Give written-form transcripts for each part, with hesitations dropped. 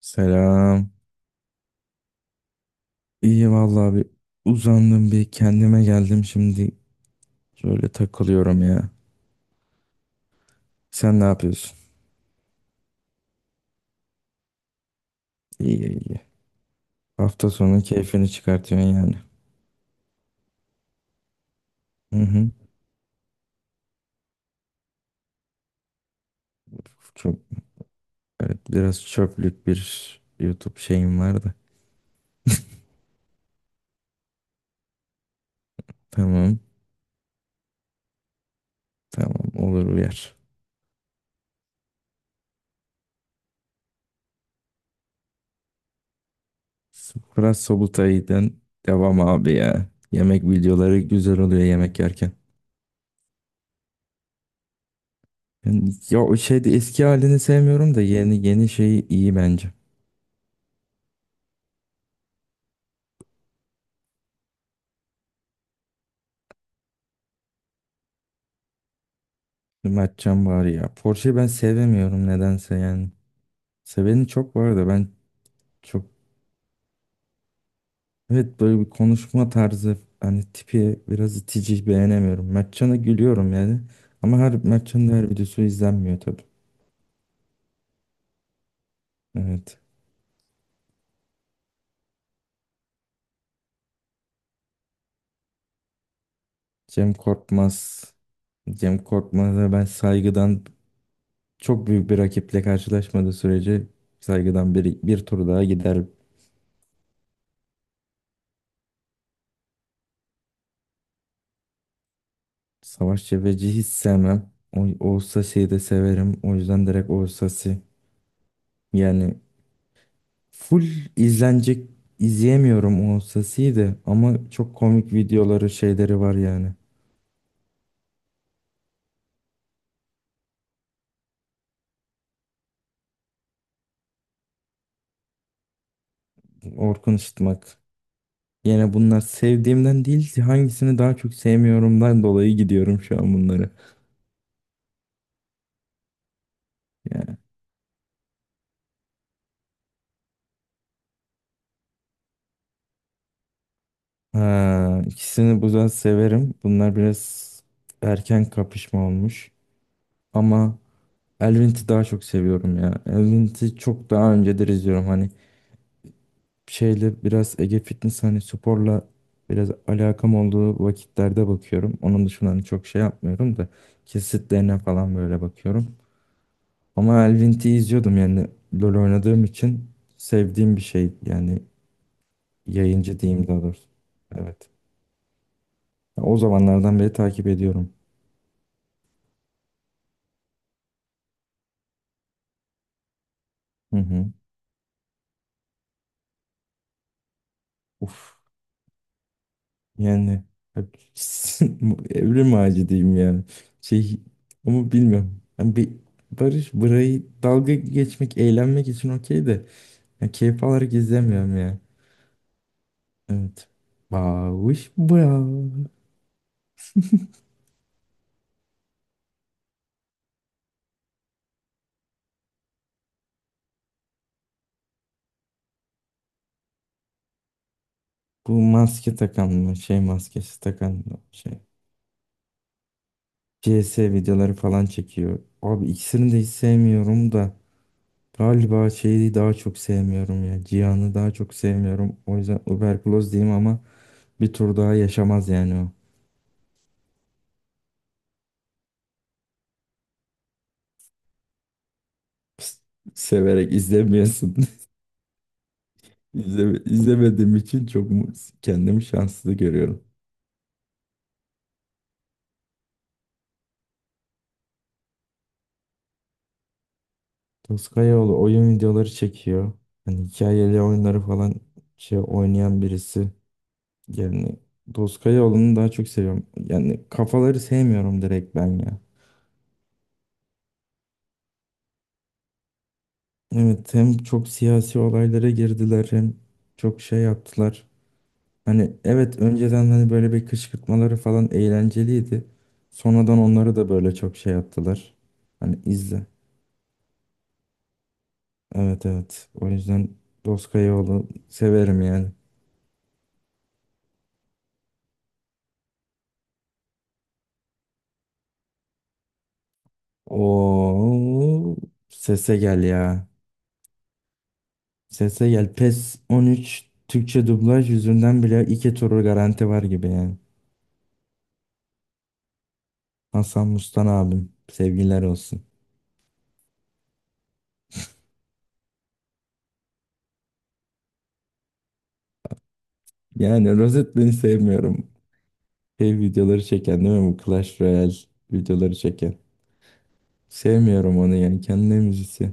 Selam. İyi vallahi bir uzandım bir kendime geldim şimdi şöyle takılıyorum ya. Sen ne yapıyorsun? İyi iyi. Hafta sonu keyfini çıkartıyorsun yani. Hı hı. Çok evet, biraz çöplük bir YouTube şeyim vardı. Tamam tamam olur uyar. Biraz Sobutay'dan devam abi ya. Yemek videoları güzel oluyor yemek yerken. Yani, ya o şeyde eski halini sevmiyorum da yeni yeni şeyi iyi bence. Mertcan var ya. Porsche'yi ben sevemiyorum nedense yani. Seveni çok var da ben çok evet, böyle bir konuşma tarzı hani tipi biraz itici beğenemiyorum. Mertcan'a gülüyorum yani. Ama her Mertcan'ın her videosu izlenmiyor tabii. Evet. Cem Korkmaz. Cem Korkmaz'a ben saygıdan çok büyük bir rakiple karşılaşmadığı sürece saygıdan bir tur daha gider. Savaş Cebeci hiç sevmem. O, Oğuz Sasi'yi de severim. O yüzden direkt Oğuz Sasi. Yani full izlenecek izleyemiyorum o sesiyi de ama çok komik videoları şeyleri var yani. Orkun Işıtmak. Yine bunlar sevdiğimden değil hangisini daha çok sevmiyorumdan dolayı gidiyorum şu an bunları. Yani. Ha, ikisini bu yüzden severim. Bunlar biraz erken kapışma olmuş. Ama Elvint'i daha çok seviyorum ya. Elvint'i çok daha öncedir izliyorum. Hani şeyle biraz Ege Fitness hani sporla biraz alakam olduğu vakitlerde bakıyorum. Onun dışında hani çok şey yapmıyorum da kesitlerine falan böyle bakıyorum. Ama Elvin T'i izliyordum yani LoL oynadığım için sevdiğim bir şey yani yayıncı diyeyim daha doğrusu. Evet. Ya o zamanlardan beri takip ediyorum. Hı hı. Uf. Yani hep- evrim ağacı diyeyim yani. Şey ama bilmiyorum. Yani bir Barış burayı dalga geçmek, eğlenmek için okey de ya keyif alarak izlemiyorum ya. Evet. Bavuş bu ya. Bu maske takan mı? Şey maskesi takan mı? Şey. CS videoları falan çekiyor. Abi ikisini de hiç sevmiyorum da. Galiba şeyi daha çok sevmiyorum ya. Cihan'ı daha çok sevmiyorum. O yüzden Uberkloz diyeyim ama bir tur daha yaşamaz yani o. Pst, severek izlemiyorsun. İzleme, izlemediğim için kendimi şanslı görüyorum. Toskayaoğlu oyun videoları çekiyor. Hani hikayeli oyunları falan şey oynayan birisi. Yani Toskayaoğlu'nu daha çok seviyorum. Yani kafaları sevmiyorum direkt ben ya. Evet, hem çok siyasi olaylara girdiler hem çok şey yaptılar. Hani evet önceden hani böyle bir kışkırtmaları falan eğlenceliydi. Sonradan onları da böyle çok şey yaptılar. Hani izle. Evet evet. O yüzden Doskayoğlu severim yani. Oo, sese gel ya. Sese gel. PES 13 Türkçe dublaj yüzünden bile iki turu garanti var gibi yani. Hasan Mustan abim. Sevgiler olsun. Yani Rozet beni sevmiyorum. Şey videoları çeken değil mi bu Clash Royale videoları çeken. Sevmiyorum onu yani kendi müzisi.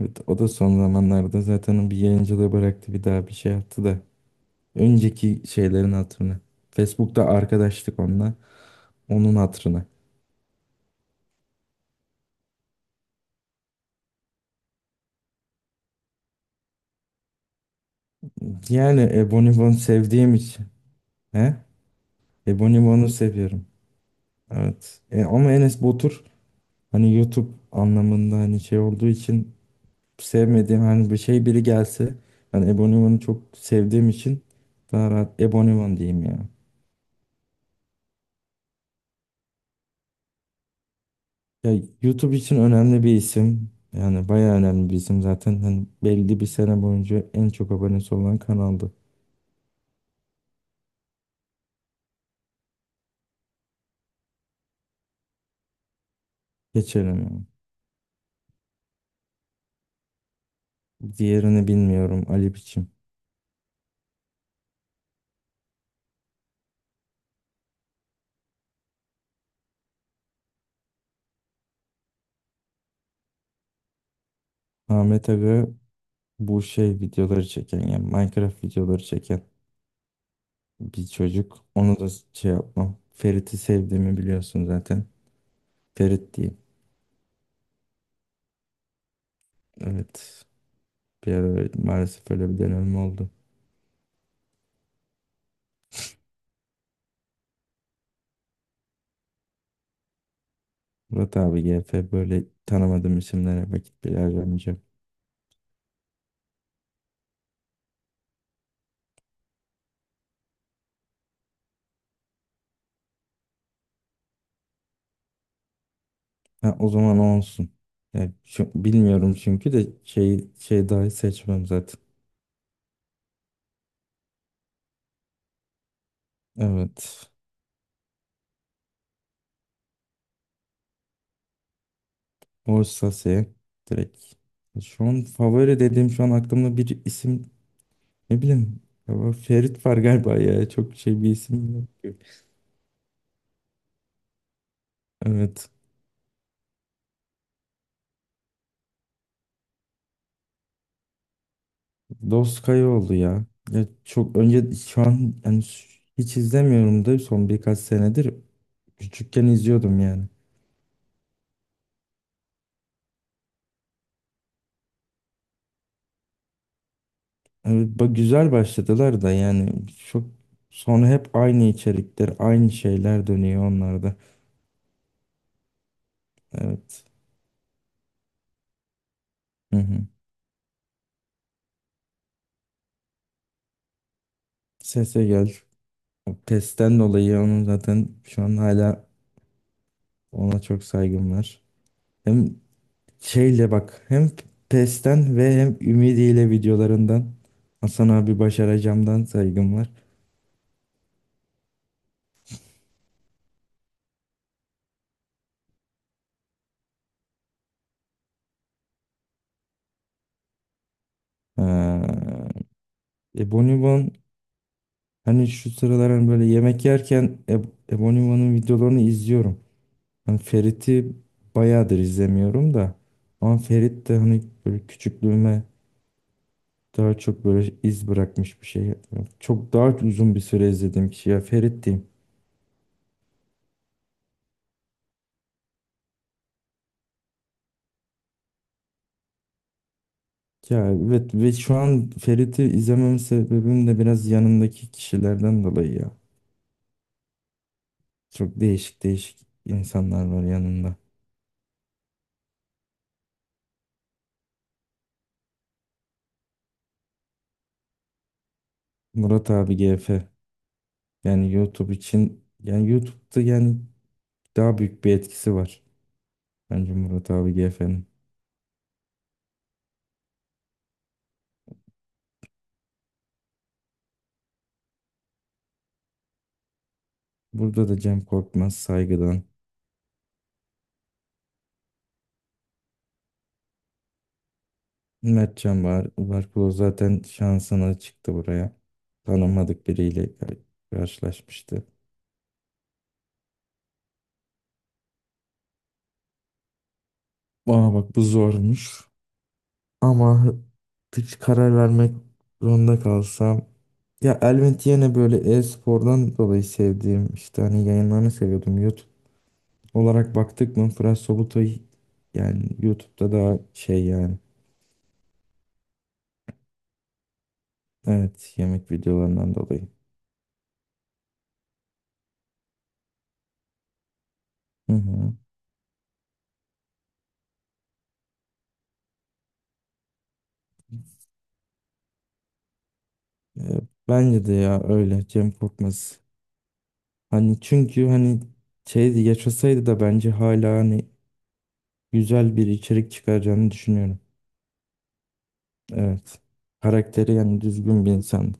Evet, o da son zamanlarda zaten o bir yayıncılığı bıraktı bir daha bir şey yaptı da. Önceki şeylerin hatırına. Facebook'ta arkadaşlık onunla. Onun hatırına. Yani Ebony Van'ı sevdiğim için. He? Ebony Van'ı seviyorum. Evet. Ama Enes Batur hani YouTube anlamında hani şey olduğu için sevmediğim hani bir şey biri gelse hani Ebony Van'ı çok sevdiğim için daha rahat Ebony Van diyeyim ya. Ya YouTube için önemli bir isim. Yani bayağı önemli bir isim zaten. Hani belli bir sene boyunca en çok abonesi olan kanaldı. Geçelim yani. Diğerini bilmiyorum. Ali Biçim. Ahmet Aga bu şey videoları çeken yani Minecraft videoları çeken bir çocuk. Onu da şey yapmam. Ferit'i sevdiğimi biliyorsun zaten. Ferit diyeyim. Evet. Bir ara maalesef öyle bir dönemim oldu. Murat abi G F böyle tanımadığım isimlere vakit bile harcamayacağım. Ha, o zaman o olsun. Yani bilmiyorum çünkü de şey dahi seçmem zaten. Evet. O Orsase direkt. Şu an favori dediğim şu an aklımda bir isim. Ne bileyim. Ama Ferit var galiba ya. Çok şey bir isim yok ki. Evet. Doskay oldu ya. Ya çok önce şu an yani hiç izlemiyorum da son birkaç senedir küçükken izliyordum yani. Evet, bak güzel başladılar da yani çok sonra hep aynı içerikler, aynı şeyler dönüyor onlarda. Evet. Hı hı. Sese gel. O testten dolayı onun zaten şu an hala ona çok saygım var. Hem şeyle bak hem PES'ten ve hem Ümidi ile videolarından Hasan abi başaracağımdan saygım var. Ee, Ebonibon hani şu sıralar hani böyle yemek yerken Ebonibon'un videolarını izliyorum. Hani Ferit'i bayağıdır izlemiyorum da ama Ferit de hani böyle küçüklüğüme daha çok böyle iz bırakmış bir şey. Çok daha uzun bir süre izlediğim kişi ya Ferit diyeyim. Ya evet ve şu an Ferit'i izlemem sebebim de biraz yanındaki kişilerden dolayı ya. Çok değişik değişik insanlar var yanında. Murat abi GF yani YouTube için yani YouTube'da yani daha büyük bir etkisi var. Bence Murat abi GF'nin. Burada da Cem Korkmaz saygıdan. Mertcan var. Barkolo zaten şansına çıktı buraya. Tanımadık biriyle karşılaşmıştı. Aa bak bu zormuş. Ama hiç karar vermek zorunda kalsam. Ya elbet yine böyle e-spordan dolayı sevdiğim işte hani yayınlarını seviyordum. YouTube olarak baktık mı Fırat Sobutay yani YouTube'da daha şey yani. Evet yemek videolarından dolayı. Hı hı. E, Bence de ya öyle Cem Korkmaz. Hani çünkü hani şeydi yaşasaydı da bence hala hani güzel bir içerik çıkaracağını düşünüyorum. Evet. Karakteri yani düzgün bir insan.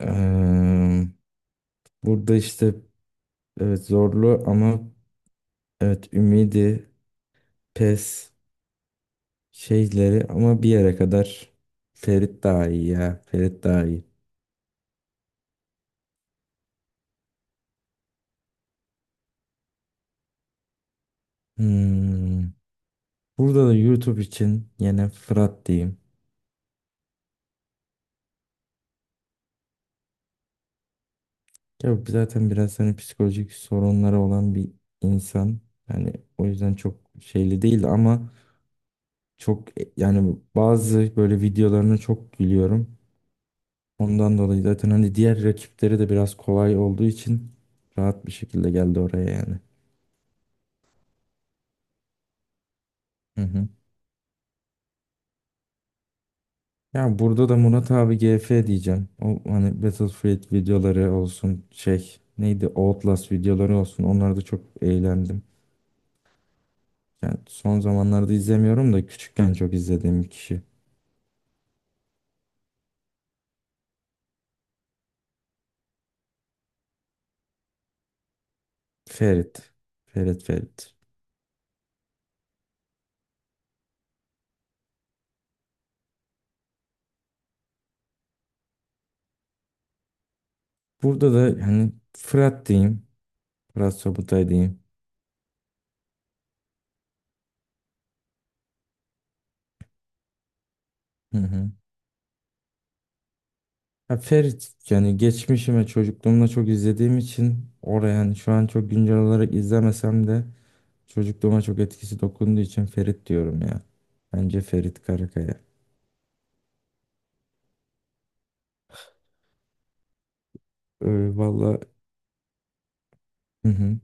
Eee, Burada işte evet zorlu ama evet ümidi, pes şeyleri ama bir yere kadar Ferit daha iyi ya. Ferit daha iyi. Hmm, burada da YouTube için yine Fırat diyeyim. Ya bu zaten biraz hani psikolojik sorunları olan bir insan. Yani o yüzden çok şeyli değil ama çok yani bazı böyle videolarına çok gülüyorum. Ondan dolayı zaten hani diğer rakipleri de biraz kolay olduğu için rahat bir şekilde geldi oraya yani. Hı hı. Ya burada da Murat abi GF diyeceğim. O hani Battlefield videoları olsun şey neydi Outlast videoları olsun onlarda çok eğlendim. Yani son zamanlarda izlemiyorum da küçükken çok izlediğim bir kişi. Ferit. Ferit Ferit. Burada da hani Fırat diyeyim. Fırat Sobutay diyeyim. Hı hı. Ya Ferit yani geçmişime çocukluğumda çok izlediğim için oraya yani şu an çok güncel olarak izlemesem de çocukluğuma çok etkisi dokunduğu için Ferit diyorum ya. Bence Ferit Karakaya. Valla, hı hı.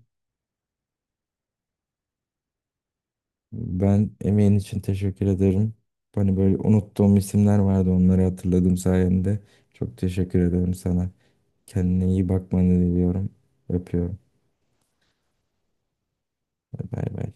Ben emeğin için teşekkür ederim. Hani böyle unuttuğum isimler vardı onları hatırladım sayende. Çok teşekkür ederim sana. Kendine iyi bakmanı diliyorum. Öpüyorum. Bay bay.